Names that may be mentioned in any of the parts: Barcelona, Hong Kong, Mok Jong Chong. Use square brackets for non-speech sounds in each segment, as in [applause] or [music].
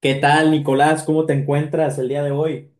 ¿Qué tal, Nicolás? ¿Cómo te encuentras el día de hoy?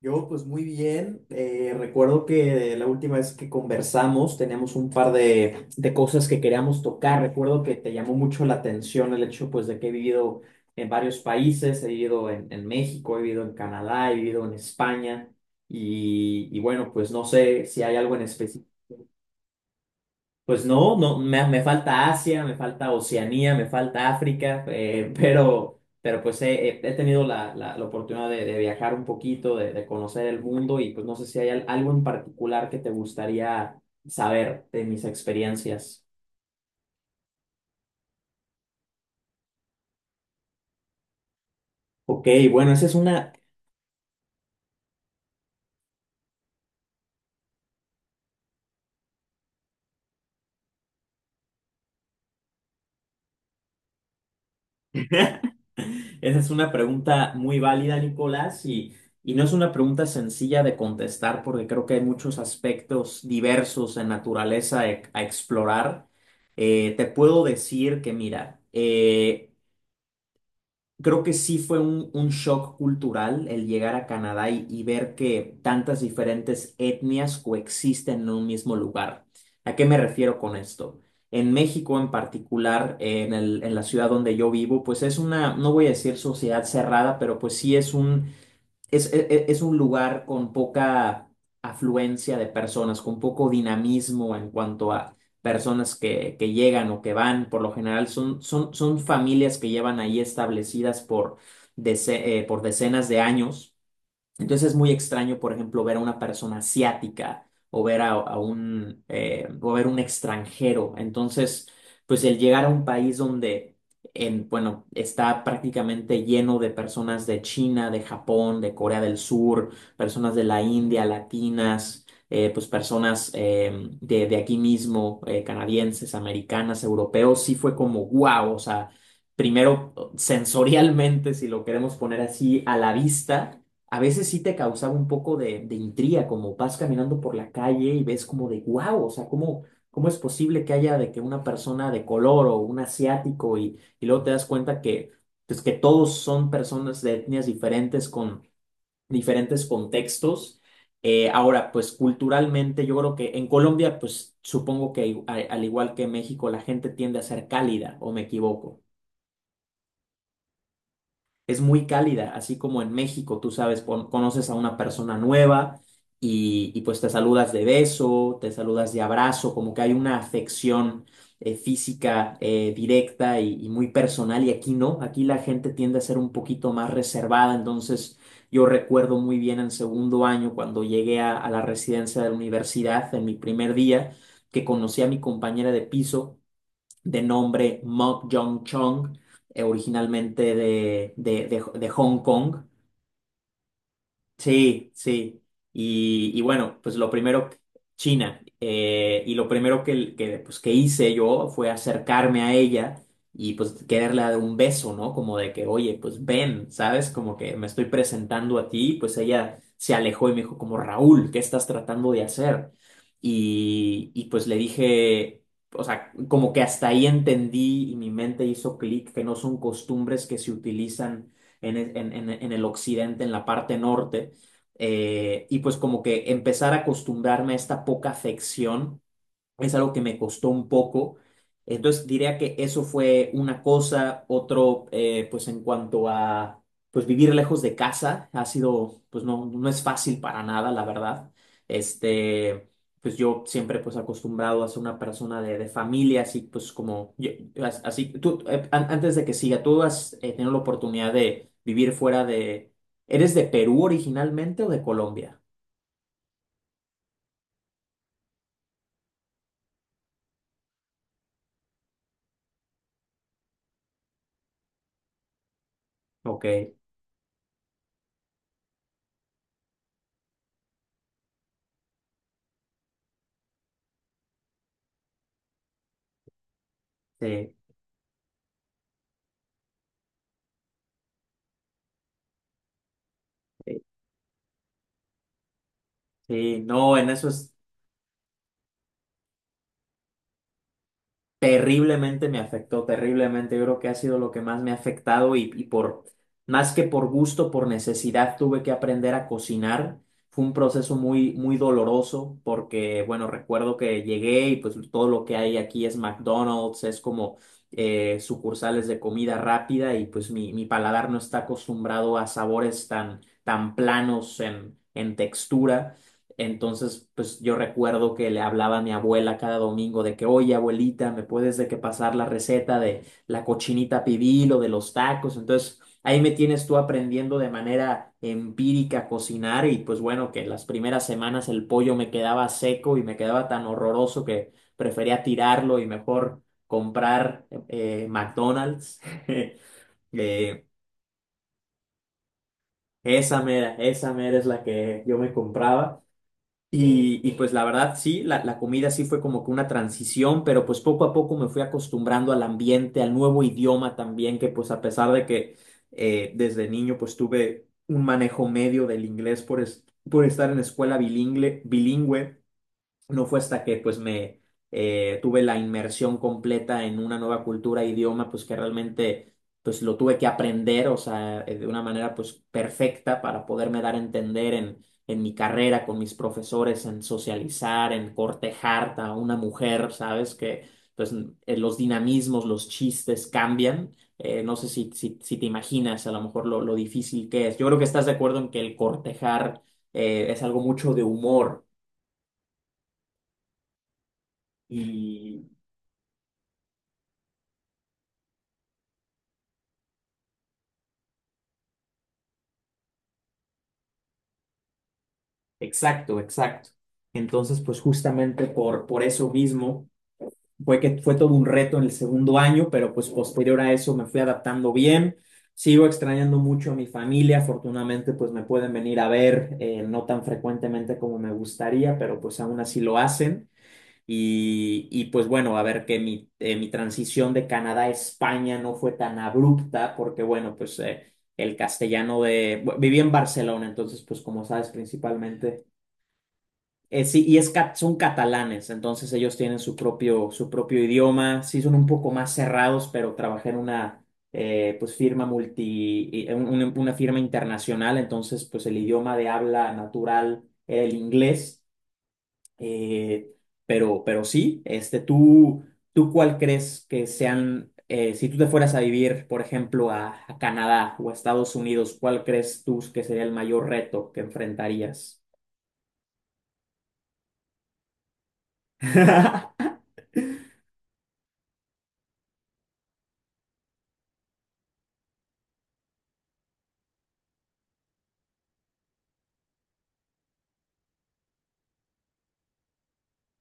Yo, pues muy bien. Recuerdo que la última vez que conversamos teníamos un par de cosas que queríamos tocar. Recuerdo que te llamó mucho la atención el hecho, pues, de que he vivido en varios países. He vivido en México, he vivido en Canadá, he vivido en España. Y bueno, pues no sé si hay algo en específico. Pues no, me falta Asia, me falta Oceanía, me falta África, [laughs] pero pues he tenido la oportunidad de viajar un poquito, de conocer el mundo y pues no sé si hay algo en particular que te gustaría saber de mis experiencias. Ok, bueno, esa es una... [laughs] Esa es una pregunta muy válida, Nicolás, y no es una pregunta sencilla de contestar porque creo que hay muchos aspectos diversos en naturaleza a explorar. Te puedo decir que, mira, creo que sí fue un shock cultural el llegar a Canadá y ver que tantas diferentes etnias coexisten en un mismo lugar. ¿A qué me refiero con esto? En México en particular, en en la ciudad donde yo vivo, pues es una, no voy a decir sociedad cerrada, pero pues sí es un, es un lugar con poca afluencia de personas, con poco dinamismo en cuanto a personas que llegan o que van. Por lo general son familias que llevan ahí establecidas por por decenas de años, entonces es muy extraño, por ejemplo, ver a una persona asiática o ver a un, o ver un extranjero. Entonces, pues el llegar a un país donde, bueno, está prácticamente lleno de personas de China, de Japón, de Corea del Sur, personas de la India, latinas, pues personas de aquí mismo, canadienses, americanas, europeos, sí fue como wow, o sea, primero sensorialmente, si lo queremos poner así, a la vista a veces sí te causaba un poco de intriga, como vas caminando por la calle y ves como de wow, o sea, ¿cómo, cómo es posible que haya de que una persona de color o un asiático? Y, y luego te das cuenta que, pues, que todos son personas de etnias diferentes con diferentes contextos. Ahora, pues culturalmente yo creo que en Colombia, pues supongo que al igual que en México, la gente tiende a ser cálida, ¿o me equivoco? Es muy cálida, así como en México, tú sabes, conoces a una persona nueva y pues te saludas de beso, te saludas de abrazo, como que hay una afección física directa y muy personal, y aquí no, aquí la gente tiende a ser un poquito más reservada, entonces yo recuerdo muy bien en segundo año cuando llegué a la residencia de la universidad en mi primer día, que conocí a mi compañera de piso de nombre Mok Jong Chong, originalmente de Hong Kong. Sí, sí. Y bueno, pues lo primero, que... China, y lo primero que, pues, que hice yo fue acercarme a ella y pues quererle dar un beso, ¿no? Como de que, oye, pues ven, ¿sabes? Como que me estoy presentando a ti, pues ella se alejó y me dijo como, Raúl, ¿qué estás tratando de hacer? Y pues le dije, o sea, como que hasta ahí entendí y mi mente hizo clic, que no son costumbres que se utilizan en el occidente, en la parte norte. Y pues como que empezar a acostumbrarme a esta poca afección es algo que me costó un poco. Entonces diría que eso fue una cosa, otro, pues en cuanto a, pues vivir lejos de casa, ha sido, pues no, no es fácil para nada, la verdad. Este, pues yo siempre pues acostumbrado a ser una persona de familia, así pues como, así, tú, antes de que siga, tú has tenido la oportunidad de vivir fuera de... ¿Eres de Perú originalmente o de Colombia? Ok, sí, sí, sí, no, en eso es... Terriblemente me afectó, terriblemente. Yo creo que ha sido lo que más me ha afectado, y por más que por gusto, por necesidad, tuve que aprender a cocinar. Fue un proceso muy, muy doloroso porque, bueno, recuerdo que llegué y pues todo lo que hay aquí es McDonald's, es como sucursales de comida rápida y pues mi paladar no está acostumbrado a sabores tan, tan planos en textura. Entonces, pues yo recuerdo que le hablaba a mi abuela cada domingo de que, oye, abuelita, ¿me puedes de que pasar la receta de la cochinita pibil o de los tacos? Entonces, ahí me tienes tú aprendiendo de manera empírica a cocinar, y pues bueno, que las primeras semanas el pollo me quedaba seco y me quedaba tan horroroso que prefería tirarlo y mejor comprar McDonald's. [laughs] Eh, Esa mera, esa mera es la que yo me compraba. Y pues la verdad sí, la comida sí fue como que una transición, pero pues poco a poco me fui acostumbrando al ambiente, al nuevo idioma también, que pues a pesar de que desde niño pues tuve un manejo medio del inglés por, por estar en escuela bilingüe, bilingüe, no fue hasta que pues me tuve la inmersión completa en una nueva cultura, idioma, pues que realmente pues lo tuve que aprender, o sea, de una manera pues perfecta para poderme dar a entender en mi carrera, con mis profesores, en socializar, en cortejar a una mujer, ¿sabes? Que pues los dinamismos, los chistes cambian. No sé si, si, si te imaginas a lo mejor lo difícil que es. Yo creo que estás de acuerdo en que el cortejar es algo mucho de humor. Y, exacto, exacto. Entonces, pues justamente por eso mismo fue que fue todo un reto en el segundo año, pero pues posterior a eso me fui adaptando bien. Sigo extrañando mucho a mi familia, afortunadamente pues me pueden venir a ver, no tan frecuentemente como me gustaría, pero pues aún así lo hacen. Y pues bueno, a ver que mi, mi transición de Canadá a España no fue tan abrupta, porque bueno, pues el castellano de... Viví en Barcelona, entonces pues como sabes, principalmente sí, y es, son catalanes, entonces ellos tienen su propio idioma, sí son un poco más cerrados, pero trabajé en una pues firma una firma internacional, entonces pues el idioma de habla natural era el inglés. eh, pero sí, ¿tú, tú cuál crees que sean, si tú te fueras a vivir, por ejemplo, a Canadá o a Estados Unidos, cuál crees tú que sería el mayor reto que enfrentarías? [laughs]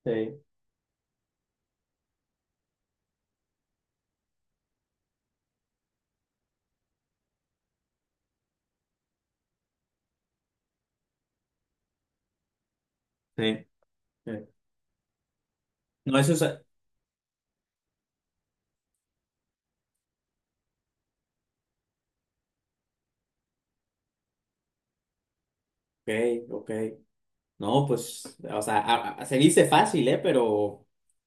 Sí, sí. Sí. No, eso es. Ok, ok. No, pues, o sea, se dice fácil, ¿eh? Pero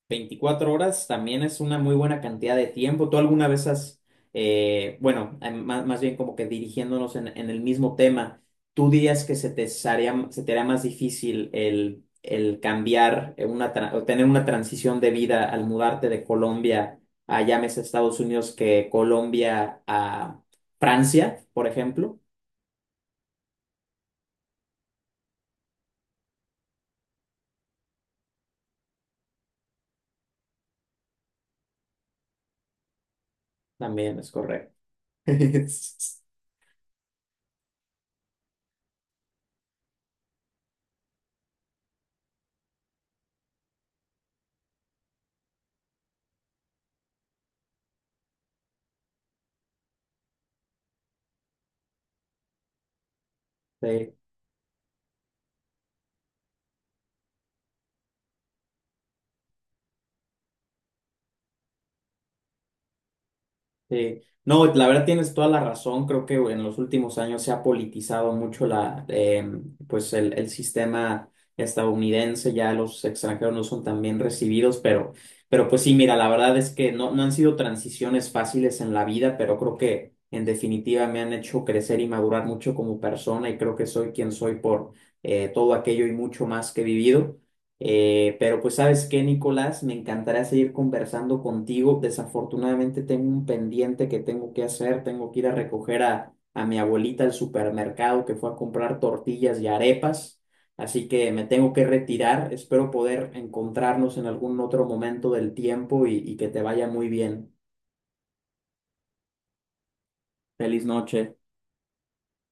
24 horas también es una muy buena cantidad de tiempo. ¿Tú alguna vez has, bueno, más, más bien como que dirigiéndonos en el mismo tema, tú dirías que se te haría más difícil el cambiar una, o tener una transición de vida al mudarte de Colombia a, llámese Estados Unidos, que Colombia a Francia, por ejemplo? También es correcto. [laughs] Sí, sí. No, la verdad tienes toda la razón. Creo que en los últimos años se ha politizado mucho la, pues el sistema estadounidense. Ya los extranjeros no son tan bien recibidos, pero pues sí, mira, la verdad es que no, no han sido transiciones fáciles en la vida, pero creo que en definitiva me han hecho crecer y madurar mucho como persona y creo que soy quien soy por todo aquello y mucho más que he vivido. Pero pues sabes qué, Nicolás, me encantaría seguir conversando contigo. Desafortunadamente tengo un pendiente que tengo que hacer. Tengo que ir a recoger a mi abuelita al supermercado que fue a comprar tortillas y arepas. Así que me tengo que retirar. Espero poder encontrarnos en algún otro momento del tiempo y que te vaya muy bien. Feliz noche.